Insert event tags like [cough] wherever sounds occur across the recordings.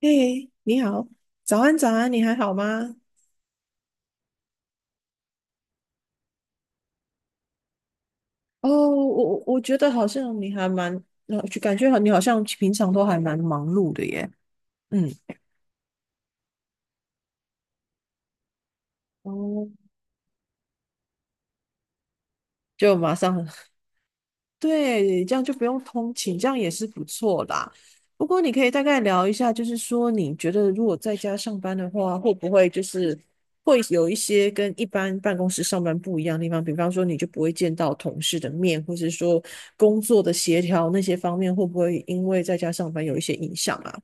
嘿，你好，早安，早安，你还好吗？哦，我觉得好像你还蛮，就感觉好你好像平常都还蛮忙碌的耶。嗯，哦，就马上对，这样就不用通勤，这样也是不错啦。不过你可以大概聊一下，就是说你觉得如果在家上班的话，会不会就是会有一些跟一般办公室上班不一样的地方？比方说，你就不会见到同事的面，或是说工作的协调那些方面，会不会因为在家上班有一些影响啊？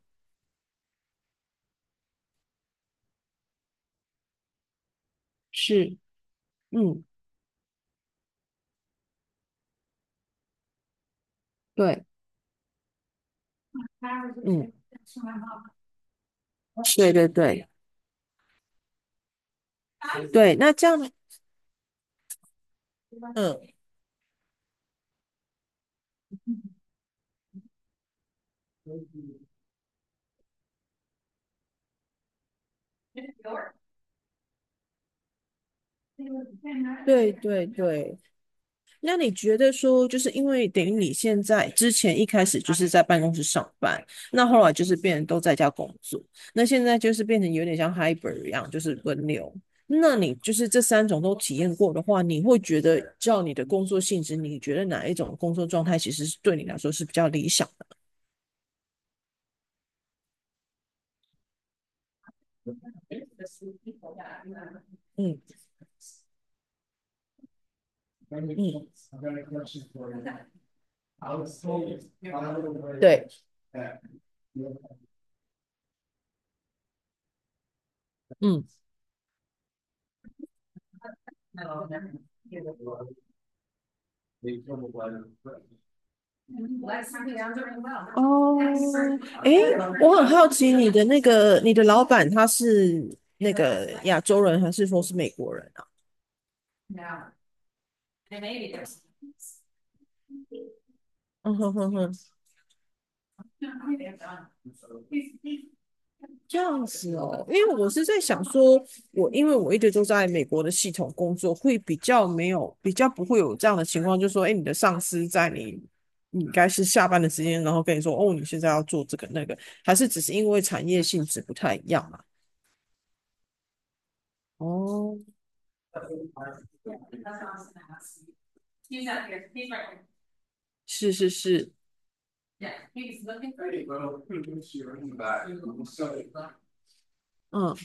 是，嗯，对，嗯，对对对对，那这样，嗯，对对对。那你觉得说，就是因为等于你现在之前一开始就是在办公室上班，那后来就是变成都在家工作，那现在就是变成有点像 hybrid 一样，就是轮流。那你就是这三种都体验过的话，你会觉得照你的工作性质，你觉得哪一种工作状态其实是对你来说是比较理想的？嗯嗯，嗯。哦，哎，我很好奇你的那个你的老板他是那个亚洲人还是说是美国人啊？嗯哼哼哼，这样子哦，因为我是在想说，因为我一直都在美国的系统工作，会比较没有比较不会有这样的情况，就是说，哎，你的上司在你应该是下班的时间，然后跟你说，哦，你现在要做这个那个，还是只是因为产业性质不太一样嘛？哦，是是是，嗯。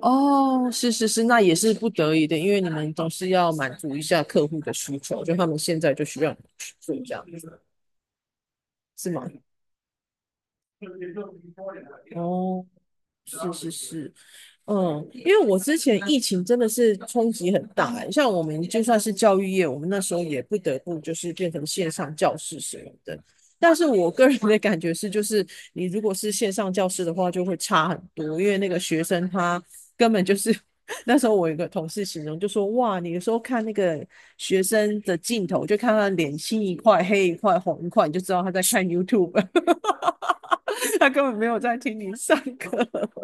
哦，是是是，那也是不得已的，因为你们总是要满足一下客户的需求，就他们现在就需要你们去做这样子，是吗？哦，是是是，嗯，因为我之前疫情真的是冲击很大欸，像我们就算是教育业，我们那时候也不得不就是变成线上教室什么的。但是我个人的感觉是，就是你如果是线上教室的话，就会差很多，因为那个学生他根本就是 [laughs] 那时候我有一个同事形容就说，哇，你有时候看那个学生的镜头，就看他脸青一块、黑一块、红一块，你就知道他在看 YouTube，[laughs] 他根本没有在听你上课。[laughs]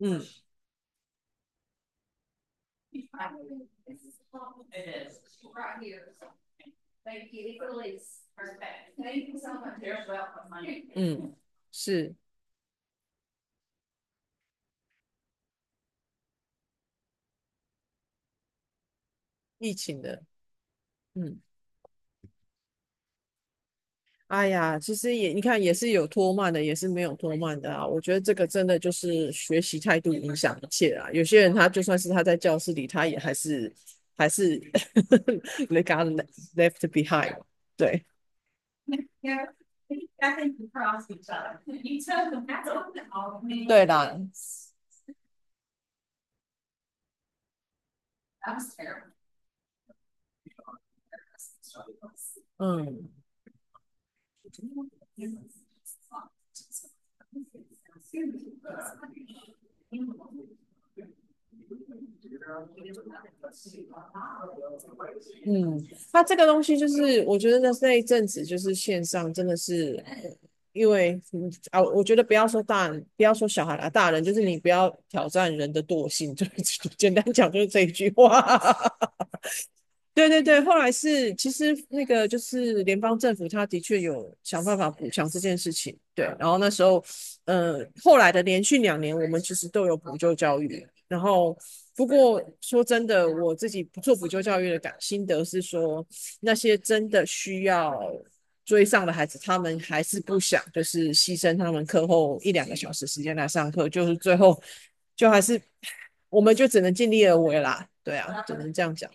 嗯。Elise。 嗯，是疫情的。嗯，哎呀，其实也你看，也是有拖慢的，也是没有拖慢的啊。我觉得这个真的就是学习态度影响一切啊。有些人他就算是他在教室里，他也还是 [laughs] 被 got left behind。对，facing across turn the mat over。 对的，嗯嗯。它这个东西就是，我觉得那那一阵子就是线上真的是，因为嗯啊，我觉得不要说大人，不要说小孩啊，大人就是你不要挑战人的惰性，就 [laughs] 是简单讲就是这一句话。对对对，后来是其实那个就是联邦政府，他的确有想办法补强这件事情。对，然后那时候，后来的连续2年，我们其实都有补救教育。然后，不过说真的，我自己不做补救教育的感心得是说，那些真的需要追上的孩子，他们还是不想，就是牺牲他们课后1、2个小时时间来上课，就是最后就还是我们就只能尽力而为啦。对啊，只能这样讲。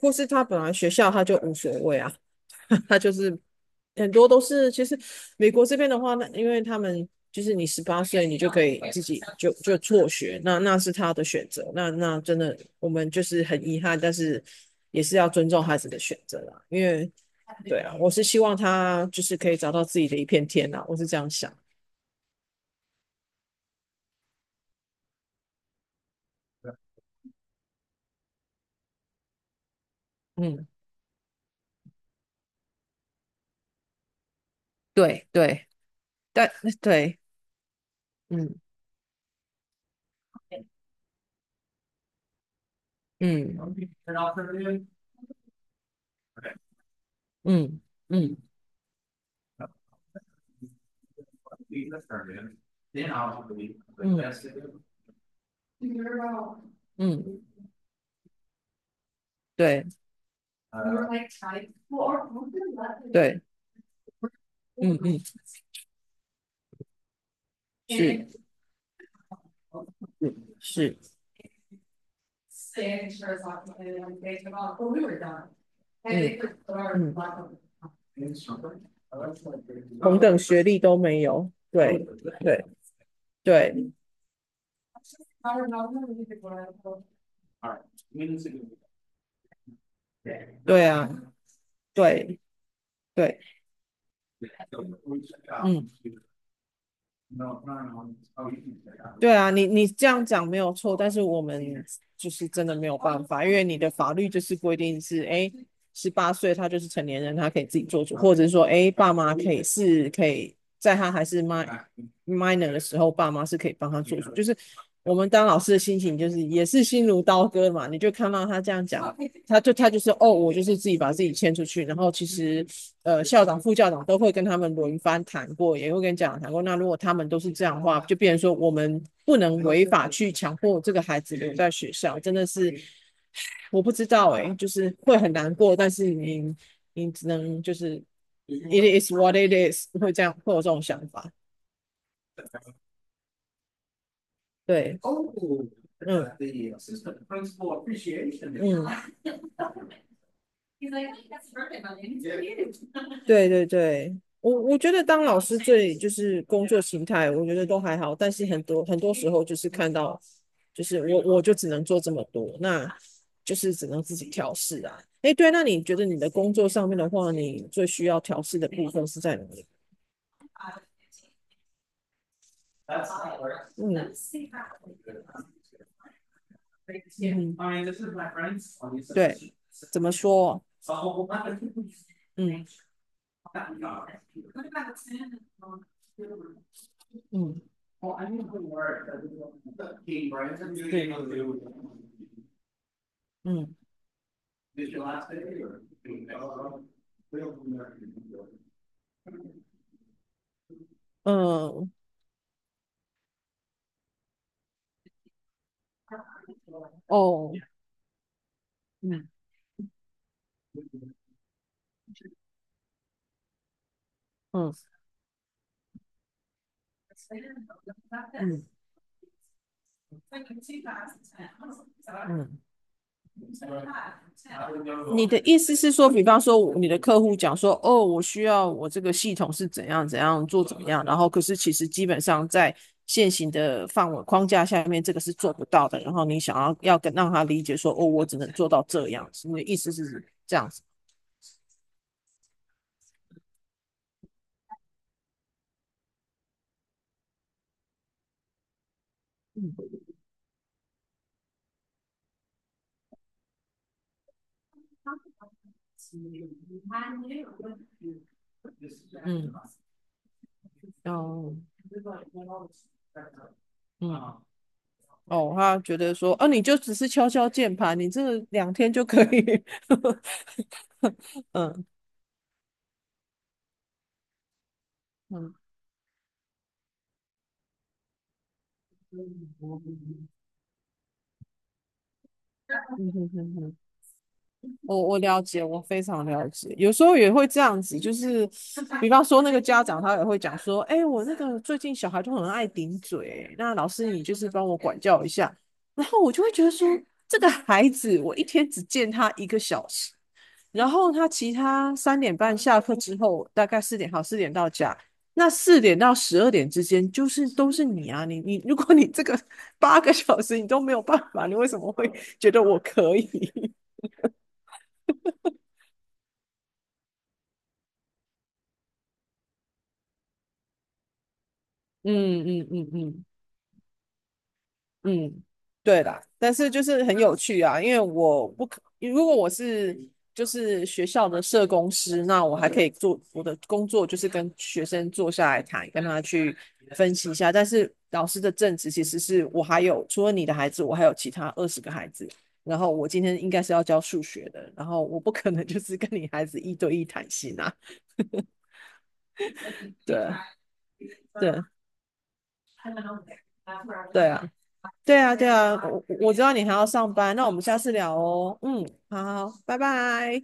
或是他本来学校他就无所谓啊，[laughs] 他就是很多都是，其实美国这边的话，那因为他们就是你十八岁你就可以自己就辍学，那那是他的选择，那那真的我们就是很遗憾，但是也是要尊重孩子的选择啦，因为对啊，我是希望他就是可以找到自己的一片天啦，我是这样想，嗯，对对，但对，嗯嗯嗯嗯嗯。嗯，对对，嗯嗯，是是是，嗯嗯，同等学历都没有，对对对对啊，对对，嗯。对啊，你你这样讲没有错，但是我们就是真的没有办法，因为你的法律就是规定是，哎，十八岁他就是成年人，他可以自己做主，或者是说，哎，爸妈可以是可以在他还是 min o r minor 的时候，爸妈是可以帮他做主，就是我们当老师的心情就是也是心如刀割嘛，你就看到他这样讲，他就是哦，我就是自己把自己牵出去，然后其实校长、副校长都会跟他们轮番谈过，也会跟家长谈过。那如果他们都是这样的话，就变成说我们不能违法去强迫这个孩子留在学校，真的是我不知道诶、欸就是会很难过，但是你只能就是 it is what it is，会这样会有这种想法，对，嗯。嗯。对对对，我觉得当老师最就是工作形态，我觉得都还好，但是很多很多时候就是看到，就是我就只能做这么多，那就是只能自己调试啊。诶，对，那你觉得你的工作上面的话，你最需要调试的部分是在哪里？嗯嗯，对，怎么说？嗯嗯，对，嗯嗯。哦，嗯嗯嗯，你的意思是说，比方说你的客户讲说，哦，我需要我这个系统是怎样怎样做怎么样，然后可是其实基本上在现行的范围框架下面，这个是做不到的。然后你想要跟让他理解说，哦，我只能做到这样子。你的意思是这样子？嗯嗯，哦嗯。哦，他觉得说，哦，你就只是敲敲键盘，你这个两天就可以。[laughs] 嗯嗯嗯嗯嗯，哼，我了解，我非常了解。有时候也会这样子，就是比方说那个家长他也会讲说，哎、我那个最近小孩都很爱顶嘴，那老师你就是帮我管教一下。然后我就会觉得说，这个孩子我一天只见他1个小时，然后他其他3点半下课之后，大概四点好，四点到家。那四点到12点之间，就是都是你啊，你，如果你这个 [laughs] 8个小时你都没有办法，你为什么会觉得我可以？[laughs] 嗯嗯嗯嗯，嗯，对啦，但是就是很有趣啊，因为我不可，如果我是就是学校的社工师，那我还可以做我的工作，就是跟学生坐下来谈，跟他去分析一下。但是老师的正职其实是我还有除了你的孩子，我还有其他20个孩子，然后我今天应该是要教数学的，然后我不可能 [laughs] 就是跟你孩子一对一谈心啊，[laughs] 对对对啊。对啊，对啊，我知道你还要上班，那我们下次聊哦。嗯，好好，拜拜。